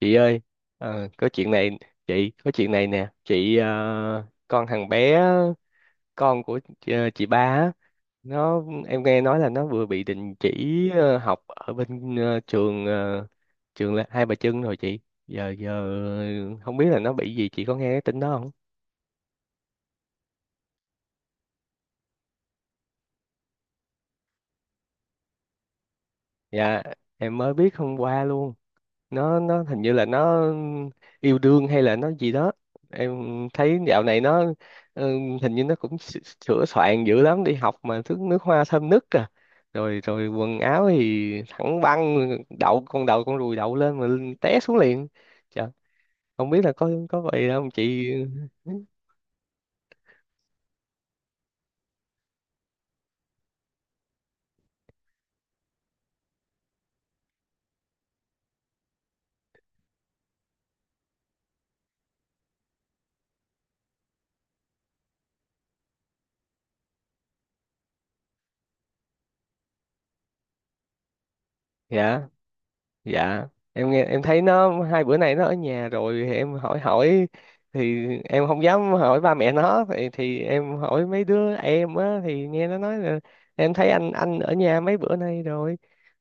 Chị ơi, có chuyện này chị có chuyện này nè chị con thằng bé con của chị, chị ba á, em nghe nói là nó vừa bị đình chỉ học ở bên trường trường là Hai Bà Trưng rồi chị. Giờ giờ không biết là nó bị gì. Chị có nghe cái tin đó không? Dạ, em mới biết hôm qua luôn. Nó hình như là nó yêu đương hay là nó gì đó. Em thấy dạo này nó ừ, hình như nó cũng sửa soạn dữ lắm, đi học mà thứ nước hoa thơm nức à. Rồi rồi quần áo thì thẳng băng, đậu con đầu con ruồi đậu lên mà té xuống liền. Trời, không biết là có vậy không chị. Dạ, dạ, em nghe em thấy nó hai bữa nay nó ở nhà rồi thì em hỏi hỏi Thì em không dám hỏi ba mẹ nó thì em hỏi mấy đứa em á, thì nghe nó nói là em thấy anh ở nhà mấy bữa nay rồi.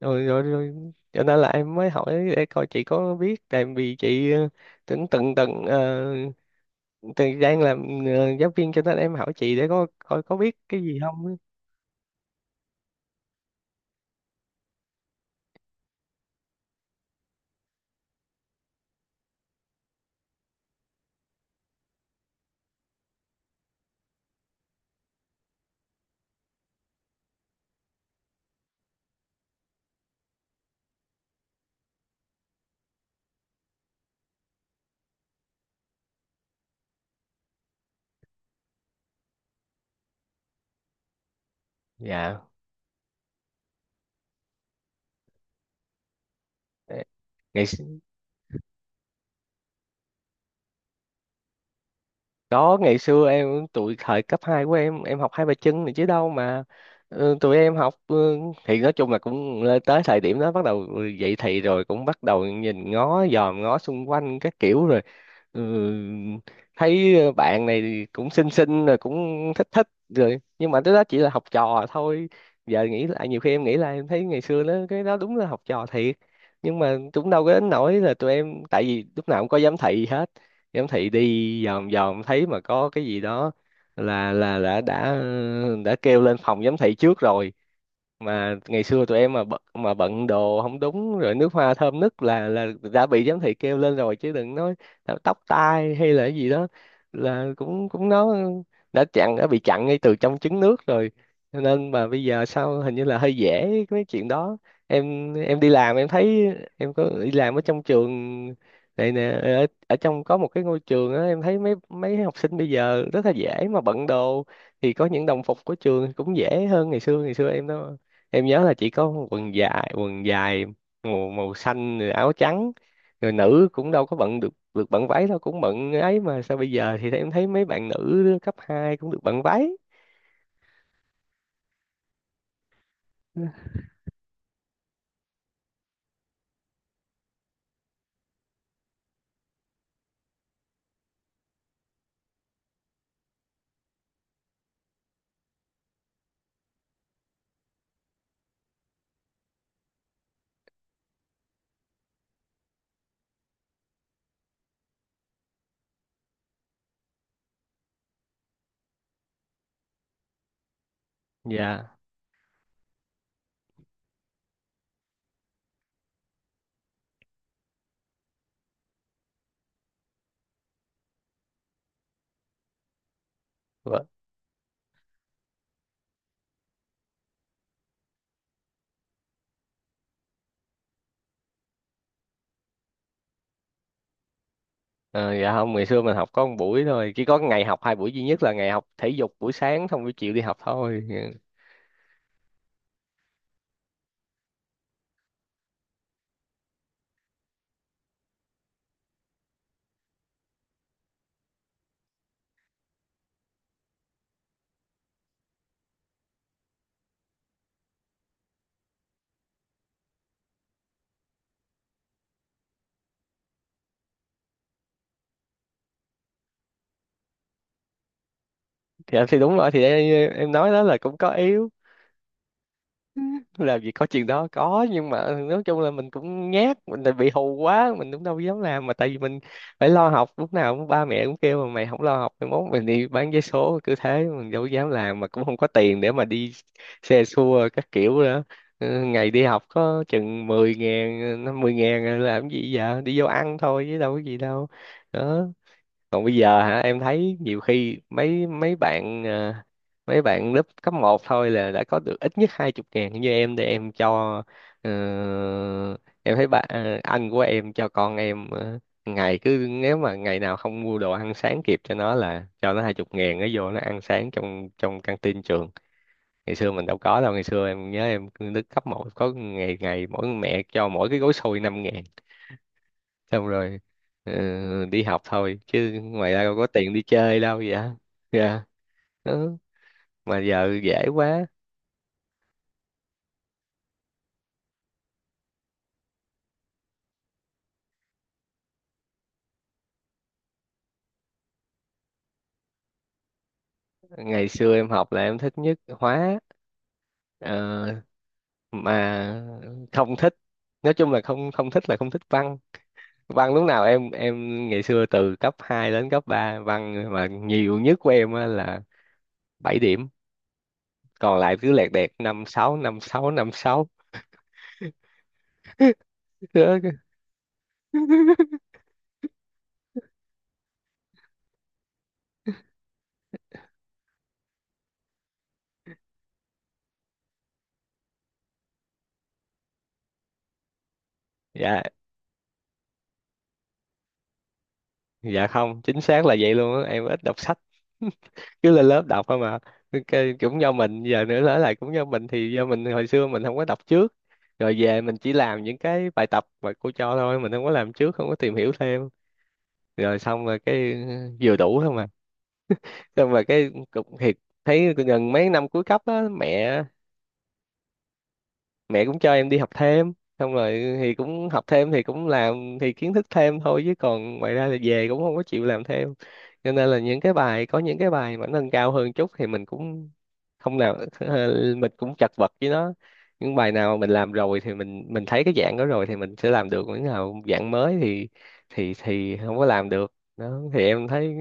Rồi. Cho nên là em mới hỏi để coi chị có biết, tại vì chị từng từng từng ờ, từng đang làm giáo viên, cho nên em hỏi chị để có coi có biết cái gì không á. Dạ. ngày Có ngày xưa tụi thời cấp 2 của em học hai bài chân này chứ đâu mà. Tụi em học thì nói chung là cũng lên tới thời điểm đó bắt đầu dậy thì rồi cũng bắt đầu nhìn ngó dòm ngó xung quanh các kiểu rồi. ừ, Thấy bạn này thì cũng xinh xinh rồi cũng thích thích rồi, nhưng mà tới đó chỉ là học trò thôi. Giờ nghĩ lại nhiều khi em nghĩ lại em thấy ngày xưa nó cái đó đúng là học trò thiệt, nhưng mà cũng đâu có đến nỗi là tụi em, tại vì lúc nào cũng có giám thị hết. Giám thị đi vòng vòng thấy mà có cái gì đó là đã đã kêu lên phòng giám thị trước rồi. Mà ngày xưa tụi em mà bận đồ không đúng rồi nước hoa thơm nứt là đã bị giám thị kêu lên rồi, chứ đừng nói là tóc tai hay là cái gì đó là cũng cũng nó đã bị chặn ngay từ trong trứng nước rồi. Cho nên mà bây giờ sao hình như là hơi dễ cái chuyện đó. Em đi làm em thấy em có đi làm ở trong trường này nè, ở trong có một cái ngôi trường á, em thấy mấy mấy học sinh bây giờ rất là dễ mà bận đồ, thì có những đồng phục của trường cũng dễ hơn ngày xưa. Ngày xưa em đó, em nhớ là chỉ có quần dài màu màu xanh rồi áo trắng, rồi nữ cũng đâu có bận được được bận váy đâu, cũng bận ấy, mà sao bây giờ thì em thấy mấy bạn nữ cấp 2 cũng được bận váy. Dạ. Vâng. Ờ, dạ không, ngày xưa mình học có một buổi thôi, chỉ có ngày học hai buổi duy nhất là ngày học thể dục buổi sáng xong buổi chiều đi học thôi. Dạ. Thì em thì đúng rồi, thì em nói đó là cũng có yếu. Làm gì có chuyện đó, có, nhưng mà nói chung là mình cũng nhát, mình lại bị hù quá, mình cũng đâu dám làm, mà tại vì mình phải lo học, lúc nào cũng ba mẹ cũng kêu mà mày không lo học mày mốt mình đi bán vé số, cứ thế mình đâu dám làm, mà cũng không có tiền để mà đi xe xua các kiểu nữa. Ừ, ngày đi học có chừng 10.000 50.000 làm cái gì, vậy đi vô ăn thôi chứ đâu có gì đâu. Đó, còn bây giờ hả, em thấy nhiều khi mấy mấy bạn mấy bạn lớp cấp một thôi là đã có được ít nhất 20.000. Như em thì em cho ờ, em thấy anh của em cho con em ngày cứ nếu mà ngày nào không mua đồ ăn sáng kịp cho nó là cho nó 20.000, nó vô nó ăn sáng trong trong căng tin trường. Ngày xưa mình đâu có đâu, ngày xưa em nhớ em lớp cấp một có ngày ngày mỗi mẹ cho mỗi cái gói xôi năm, xong rồi ờ, đi học thôi, chứ ngoài ra đâu có tiền đi chơi đâu vậy. Dạ. Ừ. Mà giờ dễ quá. Ngày xưa em học là em thích nhất hóa, ờ, mà không thích, nói chung là không không thích là không thích văn. Văn lúc nào em ngày xưa từ cấp 2 đến cấp 3 văn mà nhiều nhất của em á là 7 điểm, còn lại cứ lẹt đẹt năm sáu năm sáu năm sáu. Dạ. Dạ không, chính xác là vậy luôn á, em ít đọc sách, cứ lên lớp đọc thôi mà. Cũng do mình giờ nữa nói lại cũng do mình, thì do mình hồi xưa mình không có đọc trước, rồi về mình chỉ làm những cái bài tập mà cô cho thôi, mình không có làm trước, không có tìm hiểu thêm, rồi xong rồi cái vừa đủ thôi mà, xong rồi cái cục thiệt, thấy gần mấy năm cuối cấp á mẹ mẹ cũng cho em đi học thêm, xong rồi thì cũng học thêm thì cũng làm thì kiến thức thêm thôi, chứ còn ngoài ra là về cũng không có chịu làm thêm. Cho nên là những cái bài có những cái bài mà nâng cao hơn chút thì mình cũng không nào mình cũng chật vật với nó, những bài nào mà mình làm rồi thì mình thấy cái dạng đó rồi thì mình sẽ làm được, những nào dạng mới thì thì không có làm được. Đó thì em thấy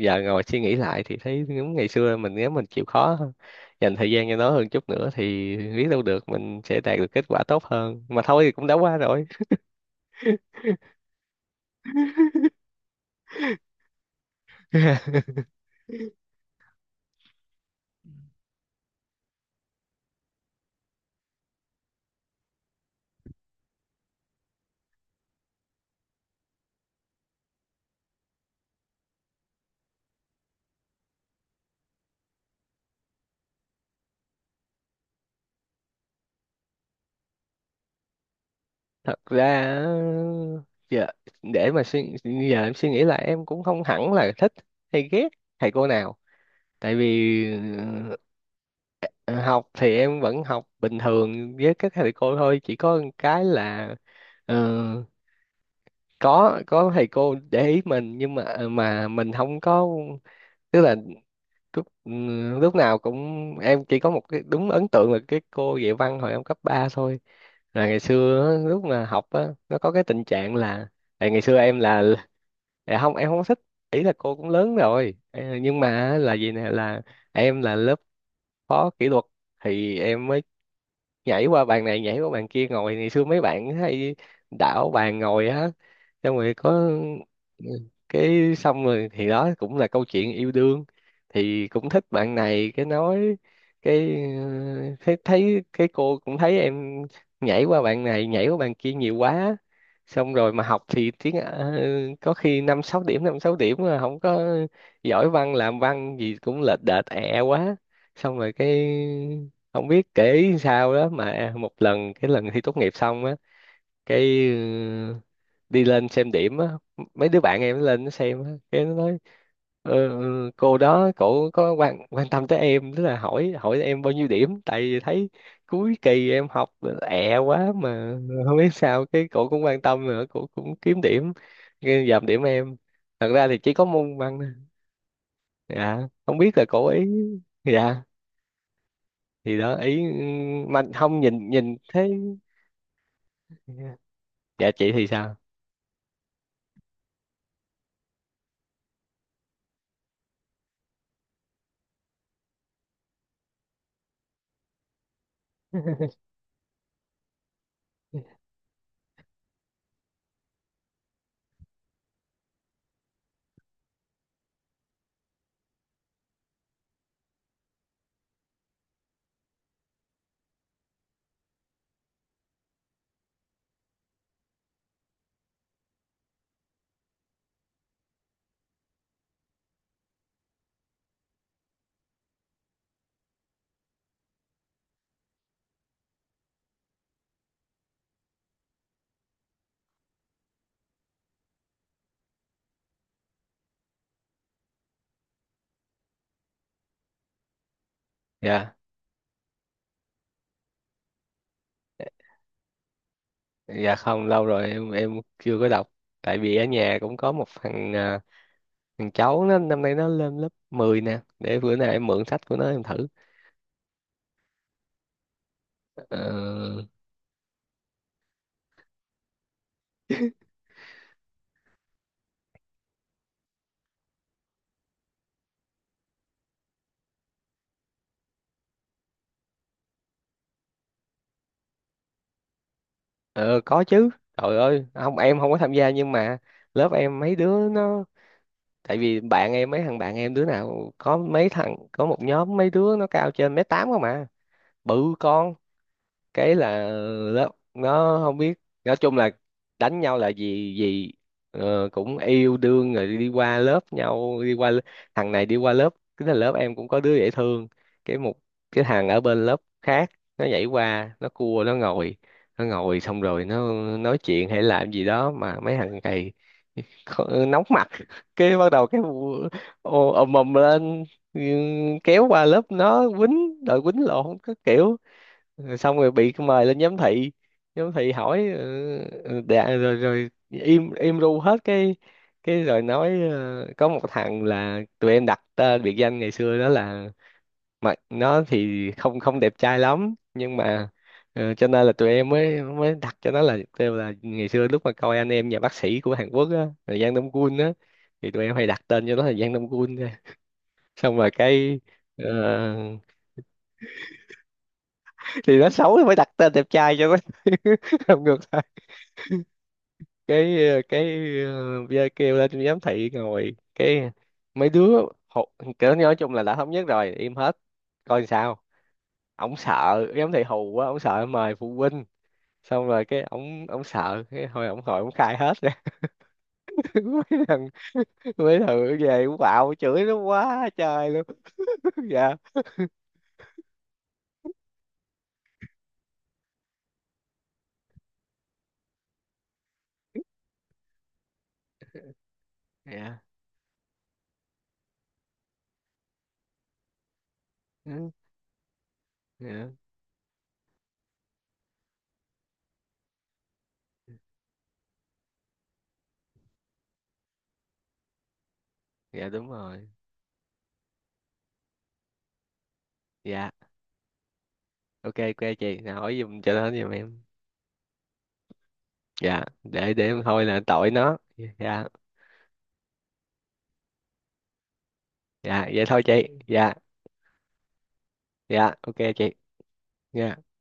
giờ ngồi suy nghĩ lại thì thấy những ngày xưa mình nếu mình chịu khó dành thời gian cho nó hơn chút nữa thì biết đâu được mình sẽ đạt được kết quả tốt hơn, mà thôi thì cũng đã qua rồi. Thật ra giờ để mà suy giờ em suy nghĩ là em cũng không hẳn là thích hay ghét thầy cô nào, tại vì ờ, học thì em vẫn học bình thường với các thầy cô thôi, chỉ có một cái là ờ, có thầy cô để ý mình nhưng mà mà mình không có, tức là lúc lúc nào cũng em chỉ có một cái đúng ấn tượng là cái cô dạy văn hồi em cấp 3 thôi. Là ngày xưa á, lúc mà học á nó có cái tình trạng là tại ngày xưa em là à, không em không thích, ý là cô cũng lớn rồi. Ờ, nhưng mà là gì nè, là em là lớp phó kỷ luật thì em mới nhảy qua bàn này nhảy qua bàn kia ngồi, ngày xưa mấy bạn hay đảo bàn ngồi á, xong rồi có cái xong rồi thì đó cũng là câu chuyện yêu đương, thì cũng thích bạn này cái nói cái thấy thấy cái cô cũng thấy em nhảy qua bạn này nhảy qua bạn kia nhiều quá, xong rồi mà học thì tiếng có khi năm sáu điểm mà không có giỏi văn, làm văn gì cũng lệch đệch ẹ quá, xong rồi cái không biết kể sao đó mà một lần cái lần thi tốt nghiệp xong á, cái đi lên xem điểm á, mấy đứa bạn em nó lên nó xem á cái nó nói: "Ờ, ừ, cô đó cổ có quan quan tâm tới em, tức là hỏi hỏi em bao nhiêu điểm, tại vì thấy cuối kỳ em học ẹ quá mà, không biết sao cái cổ cũng quan tâm nữa, cổ cũng kiếm điểm cái dòm điểm em, thật ra thì chỉ có môn văn thôi." Dạ, không biết là cổ ý. Dạ. Thì đó ý mà không nhìn nhìn thấy. Dạ. Dạ chị thì sao? Dạ. Dạ không, lâu rồi em chưa có đọc, tại vì ở nhà cũng có một thằng thằng cháu nó năm nay nó lên lớp 10 nè, để bữa nào em mượn sách của nó em thử. Ờ. ờ, có chứ, trời ơi, không em không có tham gia nhưng mà lớp em mấy đứa nó, tại vì bạn em mấy thằng bạn em đứa nào có mấy thằng có một nhóm mấy đứa nó cao trên 1m8 không mà, bự con, cái là nó nó không biết, nói chung là đánh nhau là gì gì, cũng yêu đương rồi đi qua lớp nhau đi qua thằng này đi qua lớp, cái là lớp em cũng có đứa dễ thương, cái một cái thằng ở bên lớp khác nó nhảy qua nó cua nó ngồi, nó ngồi xong rồi nó nói chuyện hay làm gì đó mà mấy thằng này nóng mặt, cái bắt đầu cái ô, ầm ầm lên, ừ, kéo qua lớp nó quýnh đòi quýnh lộn các kiểu, rồi xong rồi bị mời lên giám thị. Giám thị hỏi ừ, ừ, đã, rồi rồi im im ru hết cái rồi nói có một thằng là tụi em đặt tên biệt danh ngày xưa đó là, mà nó thì không không đẹp trai lắm nhưng mà cho nên là tụi em mới mới đặt cho nó là kêu là ngày xưa lúc mà coi anh em nhà bác sĩ của Hàn Quốc á là Giang Đông Quân á, thì tụi em hay đặt tên cho nó là Giang Đông Quân thôi. Xong rồi cái ờ, thì nó xấu thì mới đặt tên đẹp trai cho nó. Làm ngược cái cái bia kêu lên giám thị ngồi cái mấy đứa hù, kiểu nói chung là đã thống nhất rồi im hết coi sao, ổng sợ giám thị hù quá, ổng sợ mời phụ huynh, xong rồi cái ổng ổng sợ cái hồi ổng khai hết rồi. mấy thằng Mấy thằng về cũng bạo chửi nó quá trời luôn. Dạ. Dạ. Ừ. Dạ. Dạ đúng rồi. Dạ, ok, ok chị nào hỏi giùm cho nó giùm em. Dạ, để em thôi là tội nó. Dạ. Dạ, vậy thôi chị. Dạ. Dạ, ok chị. Dạ.